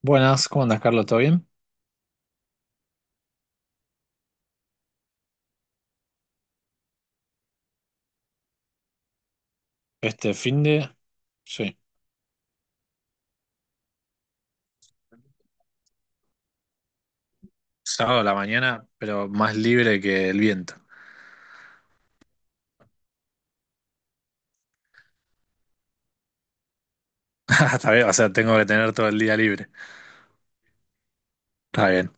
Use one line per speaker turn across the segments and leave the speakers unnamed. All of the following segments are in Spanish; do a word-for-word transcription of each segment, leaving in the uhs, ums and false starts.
Buenas, ¿cómo andas, Carlos? ¿Todo bien? Este fin de... Sí, sábado a la mañana, pero más libre que el viento. Está bien, o sea, tengo que tener todo el día libre. Está bien.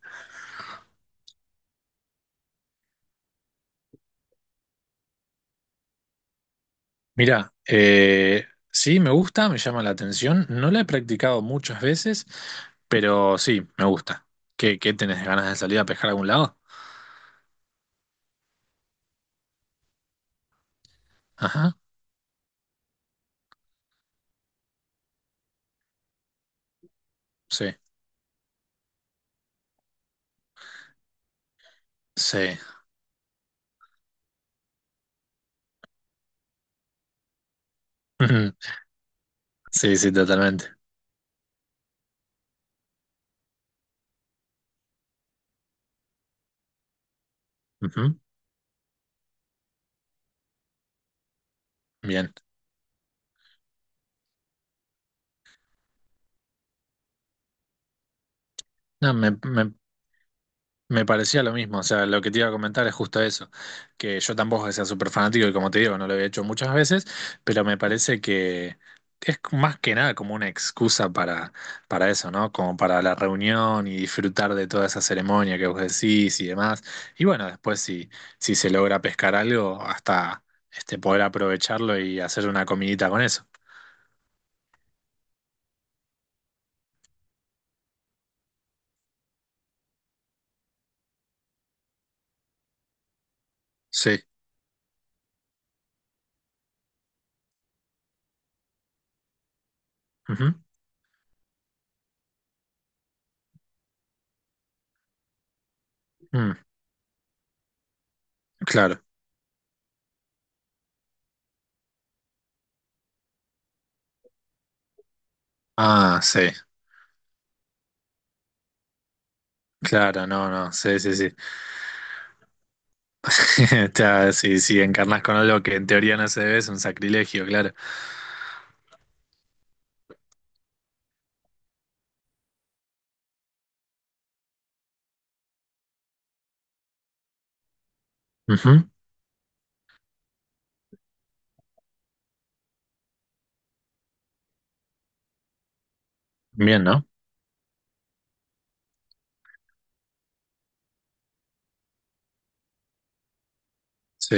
Mira, eh, sí, me gusta, me llama la atención. No la he practicado muchas veces, pero sí, me gusta. ¿Qué, qué tenés ganas de salir a pescar a algún lado? Ajá, sí, sí. Sí, sí, totalmente. Ujú. Bien. No, me, me Me parecía lo mismo, o sea, lo que te iba a comentar es justo eso, que yo tampoco sea súper fanático y como te digo, no lo había hecho muchas veces, pero me parece que es más que nada como una excusa para, para eso, ¿no? Como para la reunión y disfrutar de toda esa ceremonia que vos decís y demás. Y bueno, después si, si se logra pescar algo, hasta este, poder aprovecharlo y hacer una comidita con eso. Sí. Ujú. Mm, claro. Ah, sí. Claro, no, no, sí, sí, sí. Está, si, si encarnas con algo que en teoría no se debe, es un sacrilegio, claro. Ujú. Bien, ¿no? Sí,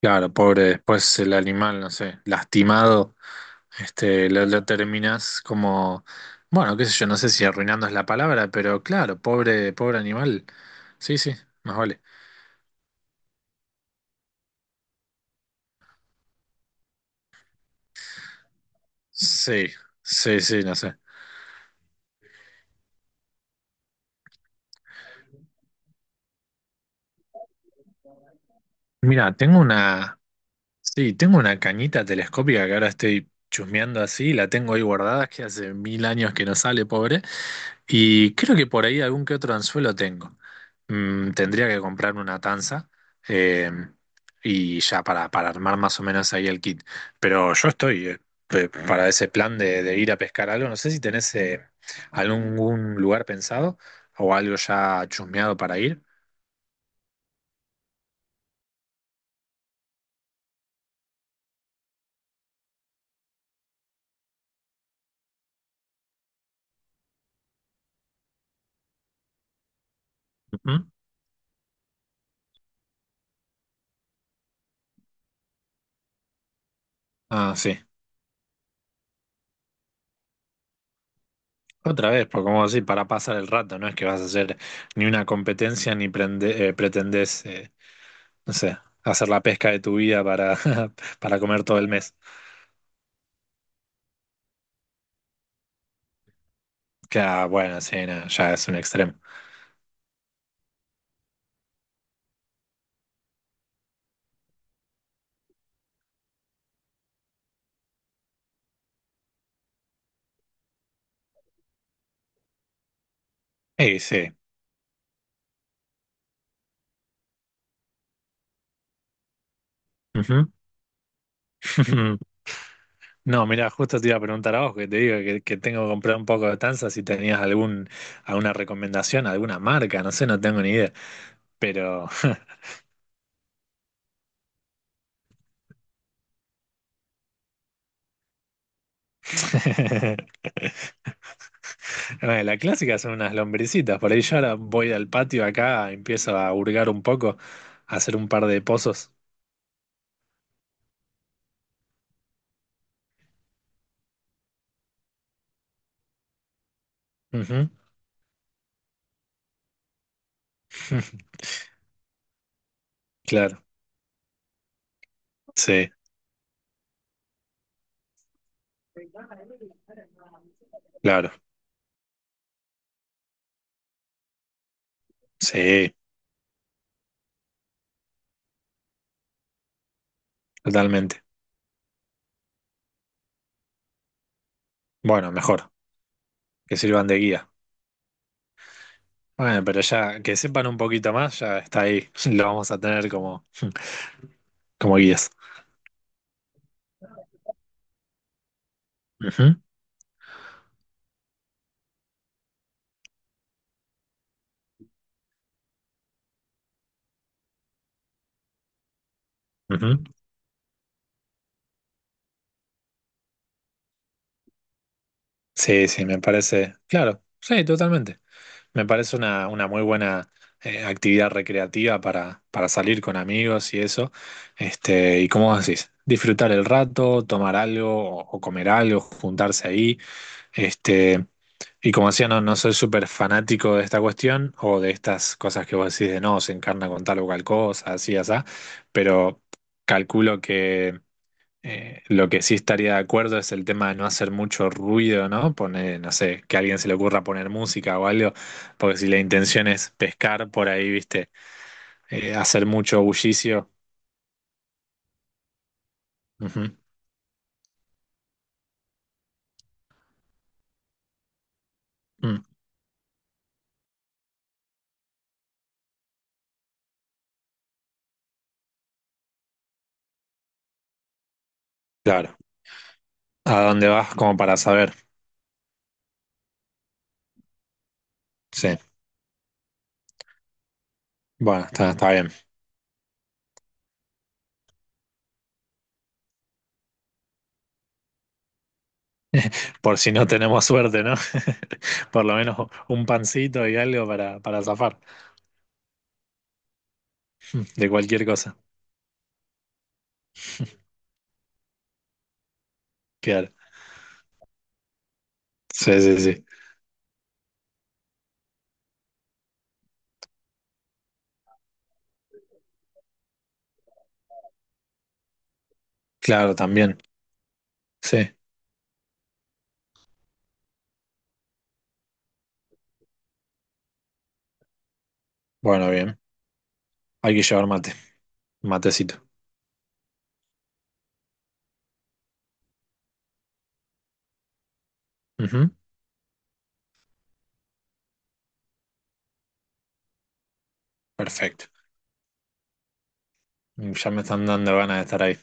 claro, pobre, después el animal, no sé, lastimado, este, lo, lo terminas como, bueno, qué sé yo, no sé si arruinando es la palabra, pero claro, pobre, pobre animal. Sí, sí, más vale. Sí, sí, sí, no sé. Mira, tengo una, sí, tengo una cañita telescópica que ahora estoy chusmeando así, la tengo ahí guardada, que hace mil años que no sale, pobre. Y creo que por ahí algún que otro anzuelo tengo. Mm, tendría que comprarme una tanza eh, y ya para, para armar más o menos ahí el kit. Pero yo estoy eh, pe- para ese plan de, de ir a pescar algo. No sé si tenés eh, algún lugar pensado o algo ya chusmeado para ir. Ujú. Ah, sí. Otra vez, porque como decir, para pasar el rato, no es que vas a hacer ni una competencia ni prende- eh, pretendés, eh, no sé, hacer la pesca de tu vida para, para comer todo el mes. Ya, bueno, sí, no, ya es un extremo. Sí, sí. Ujú. No, mira, justo te iba a preguntar a vos, que te digo que, que tengo que comprar un poco de tanza, si tenías algún, alguna recomendación, alguna marca, no sé, no tengo ni idea. Pero bueno, la clásica son unas lombricitas, por ahí yo ahora voy al patio acá, empiezo a hurgar un poco, a hacer un par de pozos. Ujú. Claro, sí, claro, sí, totalmente. Bueno, mejor, que sirvan de guía. Bueno, pero ya que sepan un poquito más, ya está ahí. Lo vamos a tener como, como guías. Ujú, ujú. Sí, sí, me parece. Claro, sí, totalmente. Me parece una, una muy buena eh, actividad recreativa para, para salir con amigos y eso. Este, y como decís, disfrutar el rato, tomar algo o, o comer algo, juntarse ahí. Este, y como decía, no, no soy súper fanático de esta cuestión o de estas cosas que vos decís de no, se encarna con tal o cual cosa, así, así, pero calculo que... Eh, lo que sí estaría de acuerdo es el tema de no hacer mucho ruido, ¿no? Poner, no sé, que a alguien se le ocurra poner música o algo. Porque si la intención es pescar por ahí, viste, eh, hacer mucho bullicio. Ujú. Mm. Claro. ¿A dónde vas? Como para saber. Sí. Bueno, está, está bien. Por si no tenemos suerte, ¿no? Por lo menos un pancito y algo para, para zafar de cualquier cosa. Claro. Sí, sí, sí. Claro, también. Sí. Bueno, bien. Hay que llevar mate. Matecito. Ujú. Perfecto. Ya me están dando ganas de estar ahí.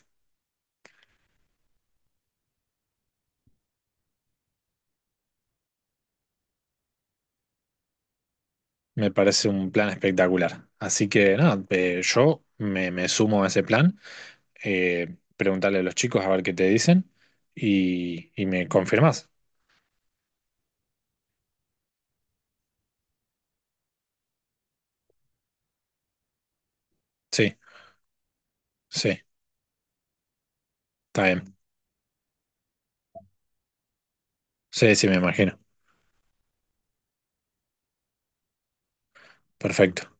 Me parece un plan espectacular. Así que nada, eh, yo me, me sumo a ese plan. Eh, preguntarle a los chicos a ver qué te dicen y, y me confirmás. Sí, sí, está bien. Sí, sí, me imagino. Perfecto.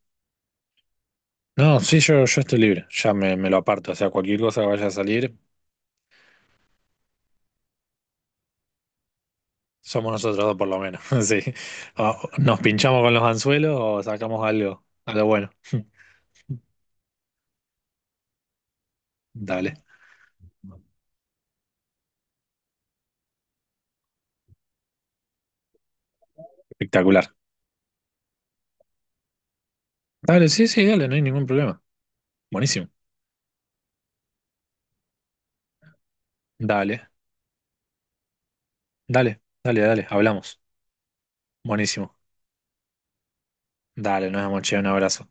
No, sí, yo, yo estoy libre. Ya me, me lo aparto. O sea, cualquier cosa que vaya a salir, somos nosotros dos por lo menos. Sí. O nos pinchamos con los anzuelos o sacamos algo, algo bueno. Dale, espectacular. Dale, sí, sí, dale, no hay ningún problema. Buenísimo. Dale. Dale, dale, dale, hablamos. Buenísimo. Dale, nos vemos, che, un abrazo.